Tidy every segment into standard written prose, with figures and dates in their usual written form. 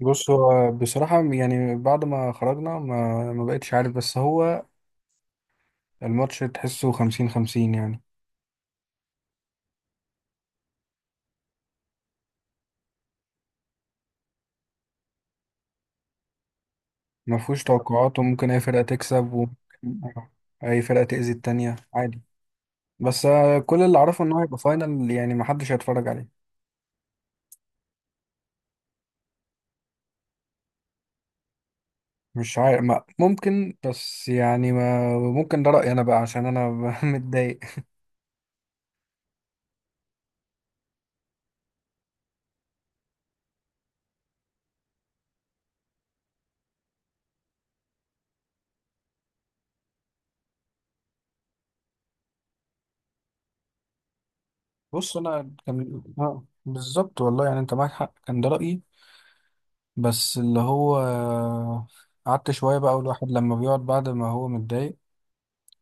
بص هو بصراحة يعني بعد ما خرجنا ما بقتش عارف، بس هو الماتش تحسه خمسين خمسين يعني. ما فيهوش توقعات، وممكن أي فرقة تكسب، وممكن أي فرقة تأذي التانية عادي. بس آه، كل اللي أعرفه إن هو هيبقى فاينل يعني ما حدش هيتفرج عليه. مش عارف، ما ممكن، بس يعني ما ممكن، ده رأيي أنا بقى عشان أنا متضايق. بص، أنا كان آه، بالظبط والله، يعني أنت معاك حق، كان ده رأيي. بس اللي هو قعدت شوية بقى، والواحد لما بيقعد بعد ما هو متضايق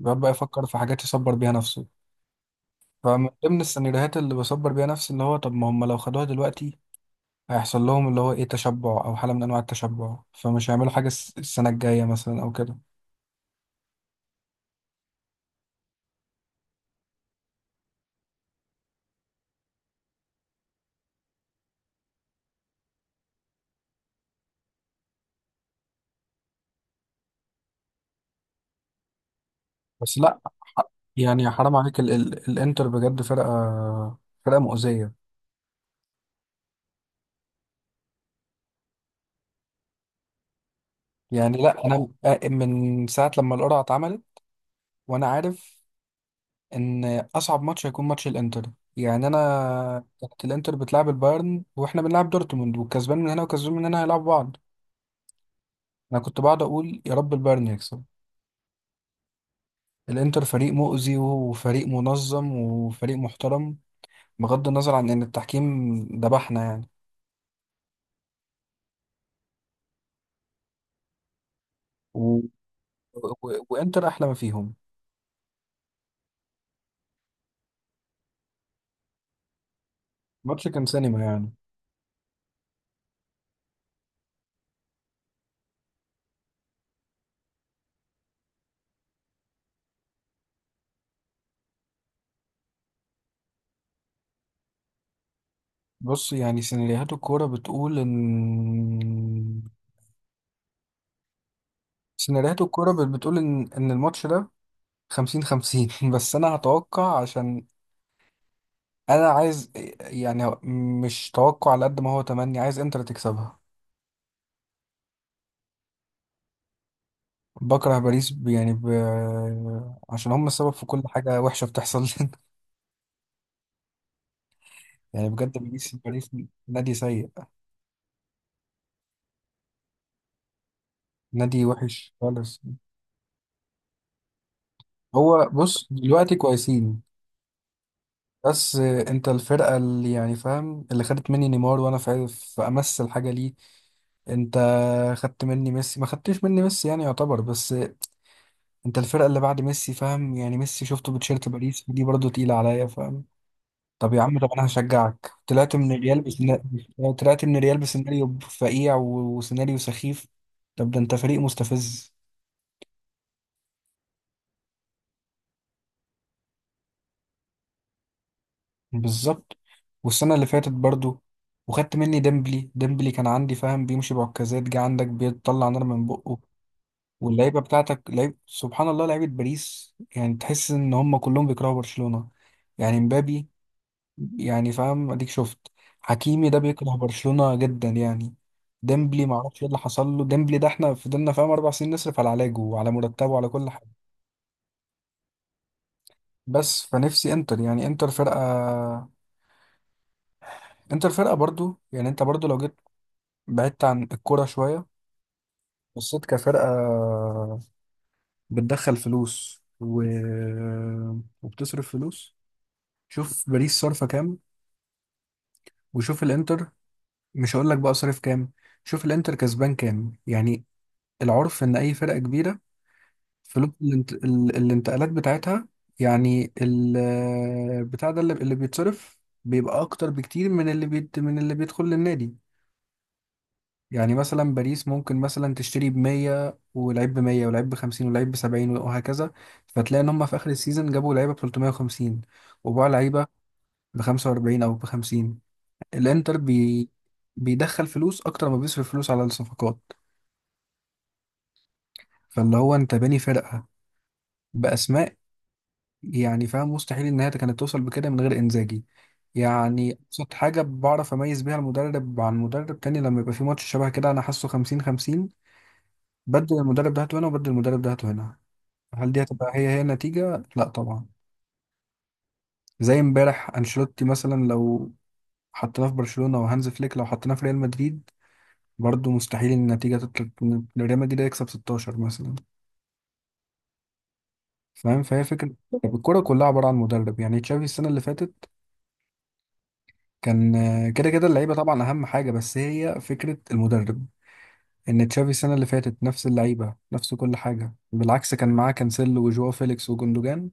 بيقعد بقى يفكر في حاجات يصبر بيها نفسه. فمن ضمن السيناريوهات اللي بصبر بيها نفسي اللي هو طب ما هم لو خدوها دلوقتي هيحصل لهم اللي هو ايه، تشبع او حالة من انواع التشبع، فمش هيعملوا حاجة السنة الجاية مثلا او كده. بس لا، يعني حرام عليك، ال ال الانتر بجد فرقة، فرقة مؤذية. يعني لا، انا من ساعة لما القرعة اتعملت وانا عارف ان اصعب ماتش هيكون ماتش الانتر. يعني انا كانت الانتر بتلعب البايرن واحنا بنلعب دورتموند، والكسبان من هنا وكسبان من هنا هيلعبوا بعض. انا كنت بقعد اقول يا رب البايرن يكسب. الانتر فريق مؤذي وفريق منظم وفريق محترم، بغض النظر عن ان التحكيم ذبحنا يعني. و... و... وانتر احلى ما فيهم. الماتش كان سينما يعني. بص، يعني سيناريوهات الكوره بتقول ان سيناريوهات الكوره بتقول ان ان الماتش ده خمسين خمسين بس انا هتوقع عشان انا عايز، يعني مش توقع على قد ما هو تمني، عايز انتر تكسبها. بكره باريس، يعني عشان هم السبب في كل حاجه وحشه بتحصل لنا. يعني بجد باريس، باريس نادي سيء، نادي وحش خالص. هو بص دلوقتي كويسين، بس انت الفرقه اللي يعني فاهم، اللي خدت مني نيمار وانا في في امس الحاجه ليه. انت خدت مني ميسي، ما خدتش مني ميسي يعني يعتبر، بس انت الفرقه اللي بعد ميسي فاهم. يعني ميسي شفته بتشيرت باريس دي برضه تقيله عليا فاهم. طب يا عم، طب انا هشجعك، طلعت من الريال بسيناريو فقيع وسيناريو سخيف. طب ده انت فريق مستفز. بالظبط. والسنه اللي فاتت برضه وخدت مني ديمبلي. ديمبلي كان عندي فاهم بيمشي بعكازات، جه عندك بيطلع نار من بقه. واللعيبه بتاعتك لعيب سبحان الله، لعيبه باريس يعني تحس ان هم كلهم بيكرهوا برشلونه. يعني مبابي، يعني فاهم، اديك شفت حكيمي ده بيكره برشلونة جدا يعني. ديمبلي معرفش ايه اللي حصل له، ديمبلي ده احنا فضلنا فاهم اربع سنين نصرف على علاجه وعلى مرتبه وعلى كل حاجه. بس فنفسي انتر، يعني انتر فرقه، انتر فرقه برضو. يعني انت برضو لو جيت بعدت عن الكوره شويه، بصيت كفرقه بتدخل فلوس وبتصرف فلوس. شوف باريس صرفه كام، وشوف الانتر، مش هقول لك بقى صرف كام، شوف الانتر كسبان كام يعني. العرف ان اي فرقه كبيره فلوس الانتقالات بتاعتها، يعني بتاع ده اللي بيتصرف بيبقى اكتر بكتير من من اللي بيدخل للنادي. يعني مثلا باريس ممكن مثلا تشتري ب 100 ولعيب ب 100 ولعيب ب 50 ولعيب ب 70 وهكذا، فتلاقي ان هم في اخر السيزون جابوا لعيبه ب 350 وباعوا لعيبه ب 45 او ب 50. الانتر بي... بيدخل فلوس اكتر ما بيصرف فلوس على الصفقات. فاللي هو انت باني فرقه باسماء، يعني فاهم مستحيل ان هي كانت توصل بكده من غير انزاجي. يعني ابسط حاجه بعرف اميز بيها المدرب عن مدرب تاني لما يبقى في ماتش شبه كده انا حاسه 50 50، بدل المدرب ده هاته هنا، وبدل المدرب ده هاته هنا. هل دي هتبقى هي النتيجه؟ لا طبعا. زي امبارح انشيلوتي مثلا لو حطيناه في برشلونه، وهانز فليك لو حطيناه في ريال مدريد، برضه مستحيل ان النتيجه تطلع إن ريال مدريد يكسب 16 مثلا. فاهم، فهي فكره. الكوره كلها عباره عن مدرب. يعني تشافي السنه اللي فاتت كان آه، كده كده اللعيبه طبعا اهم حاجه، بس هي فكره المدرب. ان تشافي السنه اللي فاتت نفس اللعيبه نفس كل حاجه، بالعكس كان معاه كانسيلو وجواو فيليكس وجوندوجان،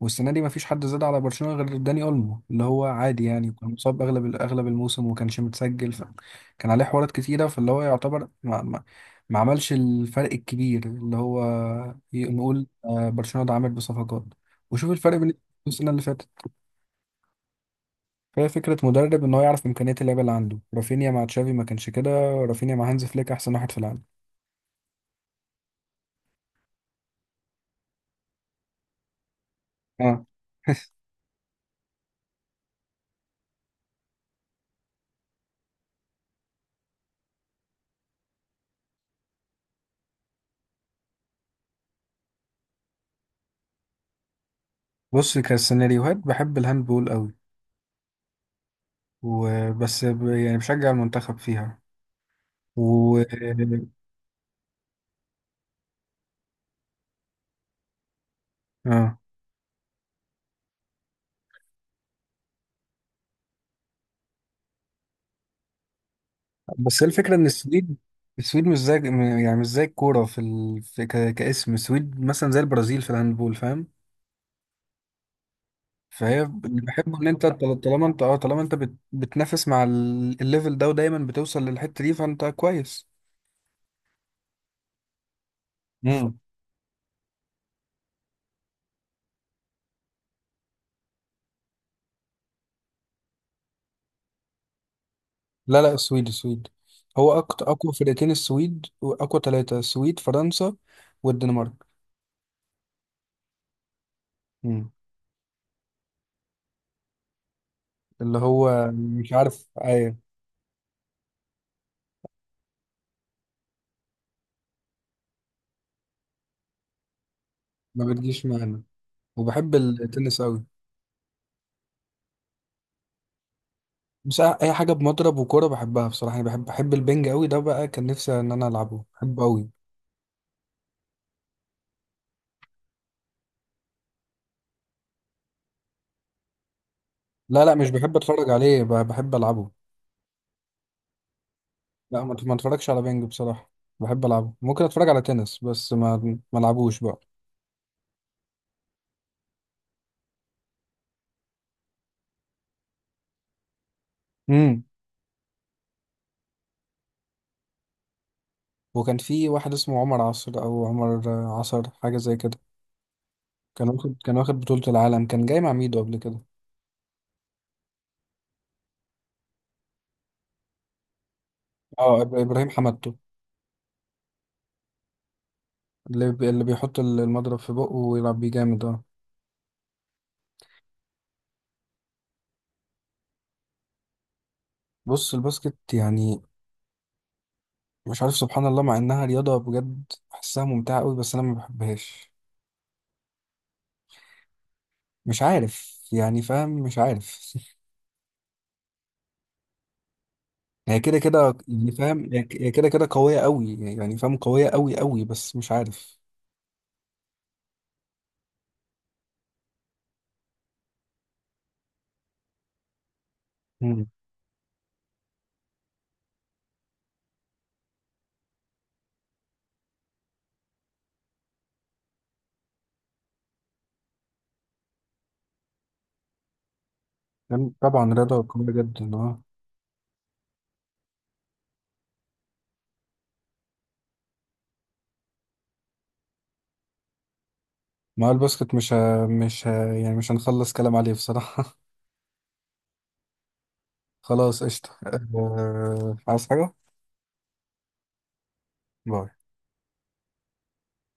والسنه دي مفيش حد زاد على برشلونه غير داني اولمو اللي هو عادي يعني، كان مصاب اغلب اغلب الموسم وما كانش متسجل كان عليه حوارات كتيره. فاللي هو يعتبر ما عملش الفرق الكبير اللي هو نقول آه، برشلونه ده عامل بصفقات، وشوف الفرق بين السنه اللي فاتت. فهي فكرة مدرب، ان هو يعرف امكانيات اللعيبة اللي عنده. رافينيا مع تشافي ما كانش كده، رافينيا مع هانز فليك احسن واحد في العالم. اه بص كسيناريوهات بحب الهاندبول قوي، يعني بشجع المنتخب فيها. و اه بس هي الفكرة ان السويد، السويد مش زي يعني مش زي الكورة في, ال... في ك... كاسم. السويد مثلا زي البرازيل في الهاندبول فاهم. فهي اللي بحبه ان انت طالما انت اه طالما انت بتنافس مع الليفل ده، ودايما بتوصل للحتة دي، فانت كويس. لا لا، السويد السويد هو أقوى أقوى فرقتين، السويد وأقوى ثلاثة السويد فرنسا والدنمارك. مم. اللي هو مش عارف، أيوة. ما بتجيش معانا. وبحب التنس أوي. بس أي حاجة بمضرب وكورة بحبها بصراحة، يعني بحب البنج أوي، ده بقى كان نفسي إن أنا ألعبه، بحبه أوي. لا لا، مش بحب أتفرج عليه، بحب ألعبه. لا، ما أتفرجش على بنج بصراحة، بحب ألعبه. ممكن أتفرج على تنس بس ما ألعبوش بقى. مم. وكان في واحد اسمه عمر عصر أو عمر عصر حاجة زي كده، كان واخد بطولة العالم، كان جاي مع ميدو قبل كده. اه ابراهيم حمدتو، اللي بيحط المضرب في بقه ويلعب بيه، جامد اه. بص الباسكت يعني مش عارف، سبحان الله مع انها رياضة بجد بحسها ممتعة قوي، بس انا ما بحبهاش. مش عارف يعني فاهم، مش عارف هي كده كده يعني فاهم، هي كده كده قوية قوي، يعني فاهم قوية قوي قوي، بس مش عارف. مم. يعني طبعا رياضة قوية جدا اه. ما هو الباسكت مش ه... مش ه... يعني مش هنخلص كلام عليه بصراحة خلاص قشطة، أه عايز حاجة؟ باي.